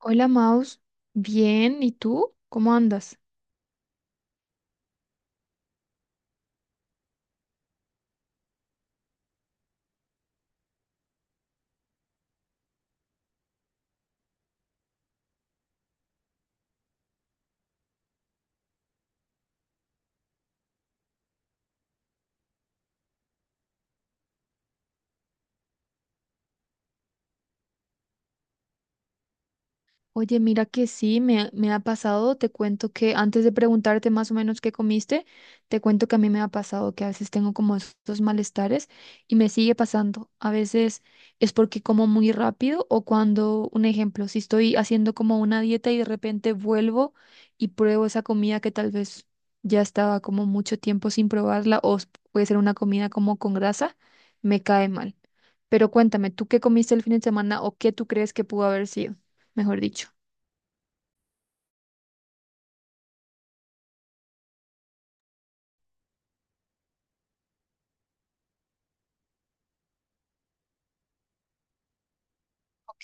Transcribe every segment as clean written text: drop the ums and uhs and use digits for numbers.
Hola Maus, bien, ¿y tú? ¿Cómo andas? Oye, mira que sí, me ha pasado. Te cuento que antes de preguntarte más o menos qué comiste, te cuento que a mí me ha pasado que a veces tengo como estos malestares y me sigue pasando. A veces es porque como muy rápido o cuando, un ejemplo, si estoy haciendo como una dieta y de repente vuelvo y pruebo esa comida que tal vez ya estaba como mucho tiempo sin probarla puede ser una comida como con grasa, me cae mal. Pero cuéntame, ¿tú qué comiste el fin de semana o qué tú crees que pudo haber sido, mejor dicho? Ok,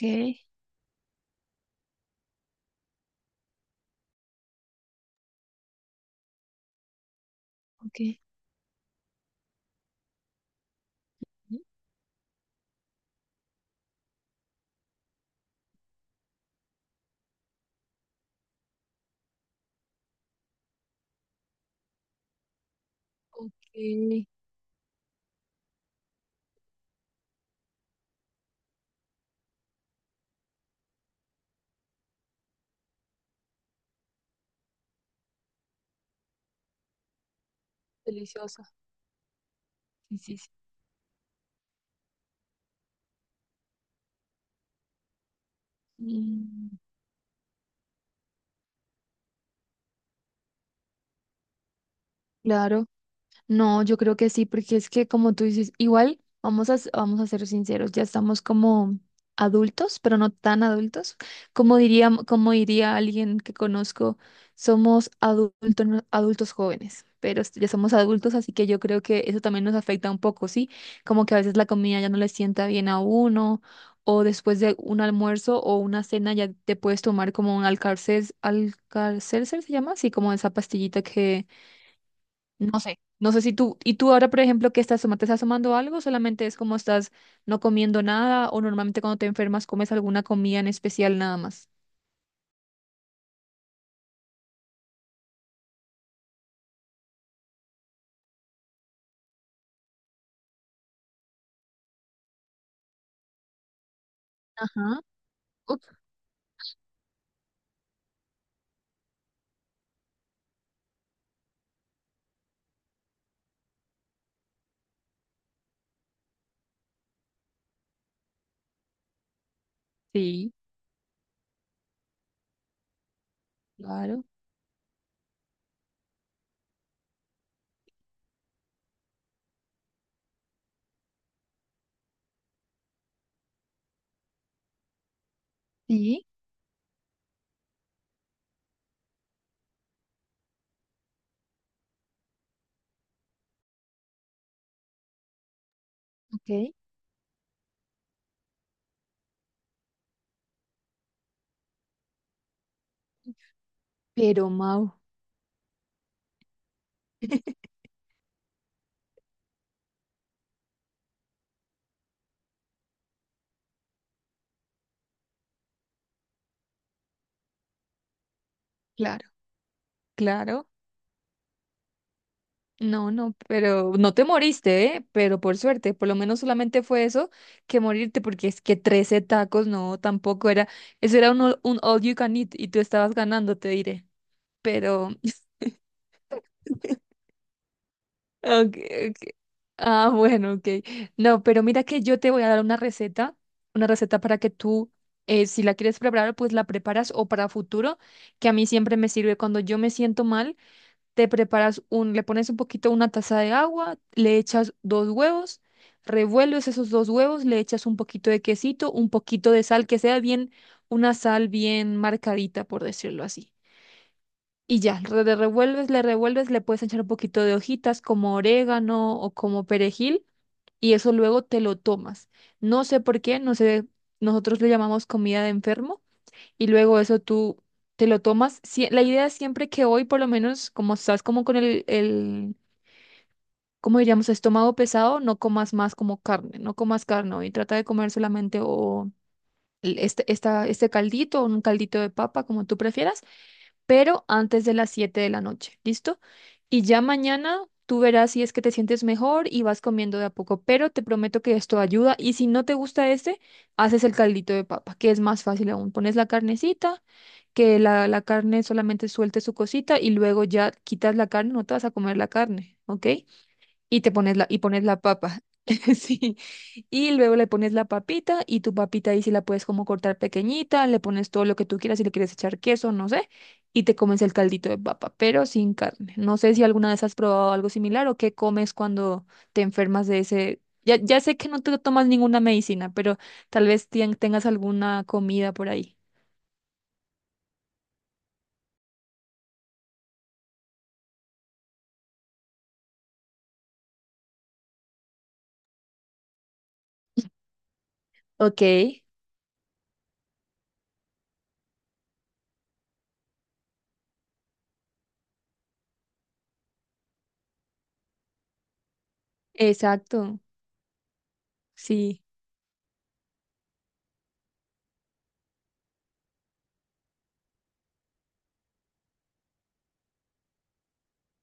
ok. Ok, deliciosa. Sí, sí, sí. Mm. Claro. No, yo creo que sí, porque es que como tú dices, igual vamos a ser sinceros, ya estamos como adultos, pero no tan adultos. Como diría alguien que conozco, somos adultos, adultos jóvenes, pero ya somos adultos, así que yo creo que eso también nos afecta un poco, ¿sí? Como que a veces la comida ya no le sienta bien a uno, o después de un almuerzo o una cena ya te puedes tomar como un alcalcer, ¿se llama? Sí, como esa pastillita que no sé. No sé si tú, y tú ahora, por ejemplo, qué estás tomando, te estás tomando algo, solamente es como estás no comiendo nada, o normalmente cuando te enfermas comes alguna comida en especial nada más. Ajá. Uf, sí. Claro, sí, ok. Pero Mau, claro, claro. No, no, pero no te moriste, ¿eh? Pero por suerte, por lo menos solamente fue eso que morirte, porque es que 13 tacos, no, tampoco era, eso era un, un all you can eat y tú estabas ganando, te diré. Pero Okay, ok. Ah, bueno, ok. No, pero mira que yo te voy a dar una receta para que tú, si la quieres preparar, pues la preparas o para futuro, que a mí siempre me sirve cuando yo me siento mal, te preparas un, le pones un poquito una taza de agua, le echas dos huevos, revuelves esos dos huevos, le echas un poquito de quesito, un poquito de sal, que sea bien, una sal bien marcadita, por decirlo así. Y ya, le revuelves, le revuelves, le puedes echar un poquito de hojitas como orégano o como perejil y eso luego te lo tomas. No sé por qué, no sé, nosotros le llamamos comida de enfermo y luego eso tú te lo tomas. Sí, la idea es siempre que hoy por lo menos, como estás como con el, ¿cómo diríamos? Estómago pesado, no comas más como carne, no comas carne hoy, trata de comer solamente o este caldito o un caldito de papa, como tú prefieras pero antes de las 7 de la noche, ¿listo? Y ya mañana tú verás si es que te sientes mejor y vas comiendo de a poco, pero te prometo que esto ayuda y si no te gusta este, haces el caldito de papa, que es más fácil aún. Pones la carnecita, que la carne solamente suelte su cosita y luego ya quitas la carne, no te vas a comer la carne, ¿ok? Y te pones la, y pones la papa. Sí. Y luego le pones la papita y tu papita ahí sí la puedes como cortar pequeñita, le pones todo lo que tú quieras, si le quieres echar queso, no sé, y te comes el caldito de papa, pero sin carne. No sé si alguna vez has probado algo similar o qué comes cuando te enfermas de ese... Ya, ya sé que no te tomas ninguna medicina, pero tal vez tengas alguna comida por ahí. Ok. Exacto. Sí.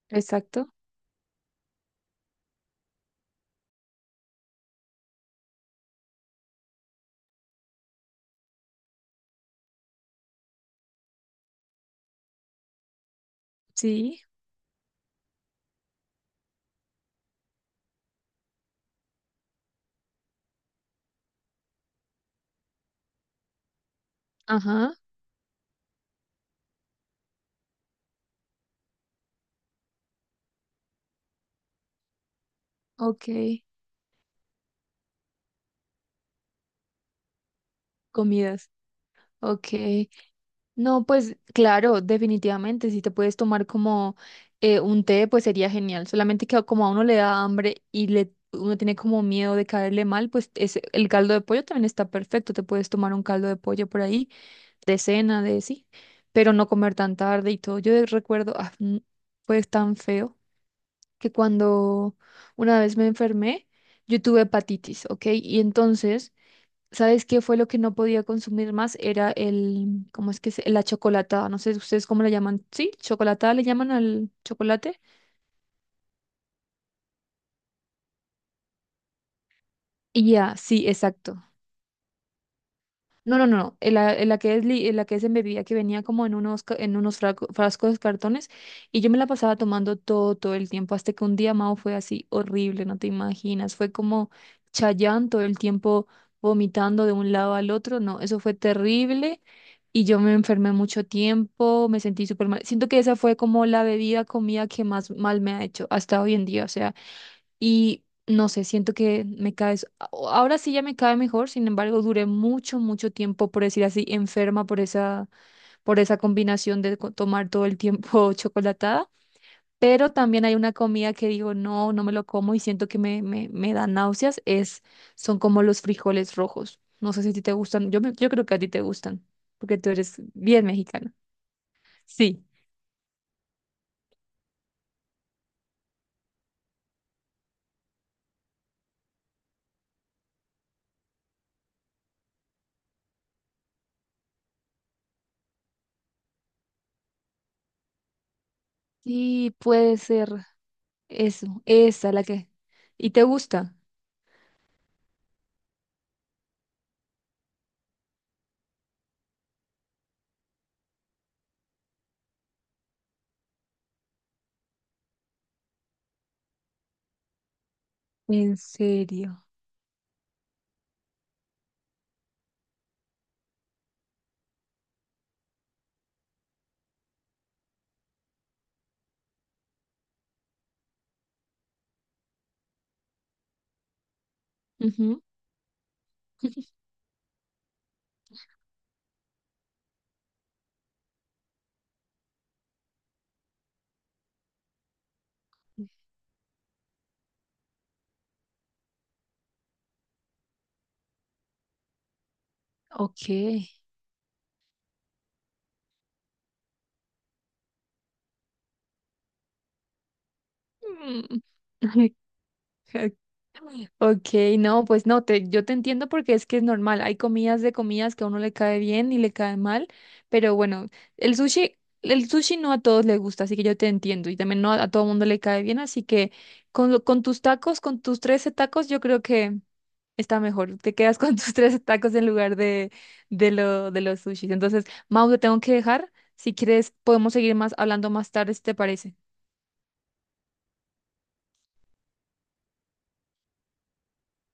Exacto. Sí. Ajá. Ok. Comidas. Ok. No, pues claro, definitivamente, si te puedes tomar como un té, pues sería genial. Solamente que como a uno le da hambre y le, uno tiene como miedo de caerle mal, pues el caldo de pollo también está perfecto. Te puedes tomar un caldo de pollo por ahí, de cena, de sí, pero no comer tan tarde y todo. Yo recuerdo, fue tan feo que cuando una vez me enfermé, yo tuve hepatitis, ¿ok? Y entonces... ¿Sabes qué fue lo que no podía consumir más? Era el, ¿cómo es que se, la chocolatada? No sé ustedes cómo la llaman. Sí, chocolatada le llaman al chocolate. Y ya, sí, exacto. No, no, no, no, en la que es, en la que es en bebida que venía como en unos, en unos frascos de cartones y yo me la pasaba tomando todo el tiempo, hasta que un día, Mao, fue así horrible, no te imaginas, fue como Chayanne todo el tiempo vomitando de un lado al otro, no, eso fue terrible y yo me enfermé mucho tiempo, me sentí súper mal, siento que esa fue como la bebida, comida que más mal me ha hecho hasta hoy en día, o sea, y no sé, siento que me cae, ahora sí ya me cae mejor, sin embargo, duré mucho, mucho tiempo, por decir así, enferma por esa combinación de tomar todo el tiempo chocolatada. Pero también hay una comida que digo, no, no me lo como y siento que me da náuseas, es, son como los frijoles rojos. No sé si a ti te gustan, yo, yo creo que a ti te gustan, porque tú eres bien mexicana. Sí. Sí, puede ser eso, esa la que... ¿Y te gusta? ¿En serio? Ujú. Ok. Mm. Ok, no, pues no, te, yo te entiendo porque es que es normal. Hay comidas de comidas que a uno le cae bien y le cae mal, pero bueno, el sushi, el sushi no a todos les gusta, así que yo te entiendo y también no a, a todo mundo le cae bien, así que con, con tus tacos, con tus 13 tacos, yo creo que está mejor. Te quedas con tus 13 tacos en lugar de, lo, de los sushis. Entonces, Mau, te tengo que dejar. Si quieres, podemos seguir más hablando más tarde, si te parece.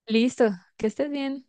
Listo, que estés bien.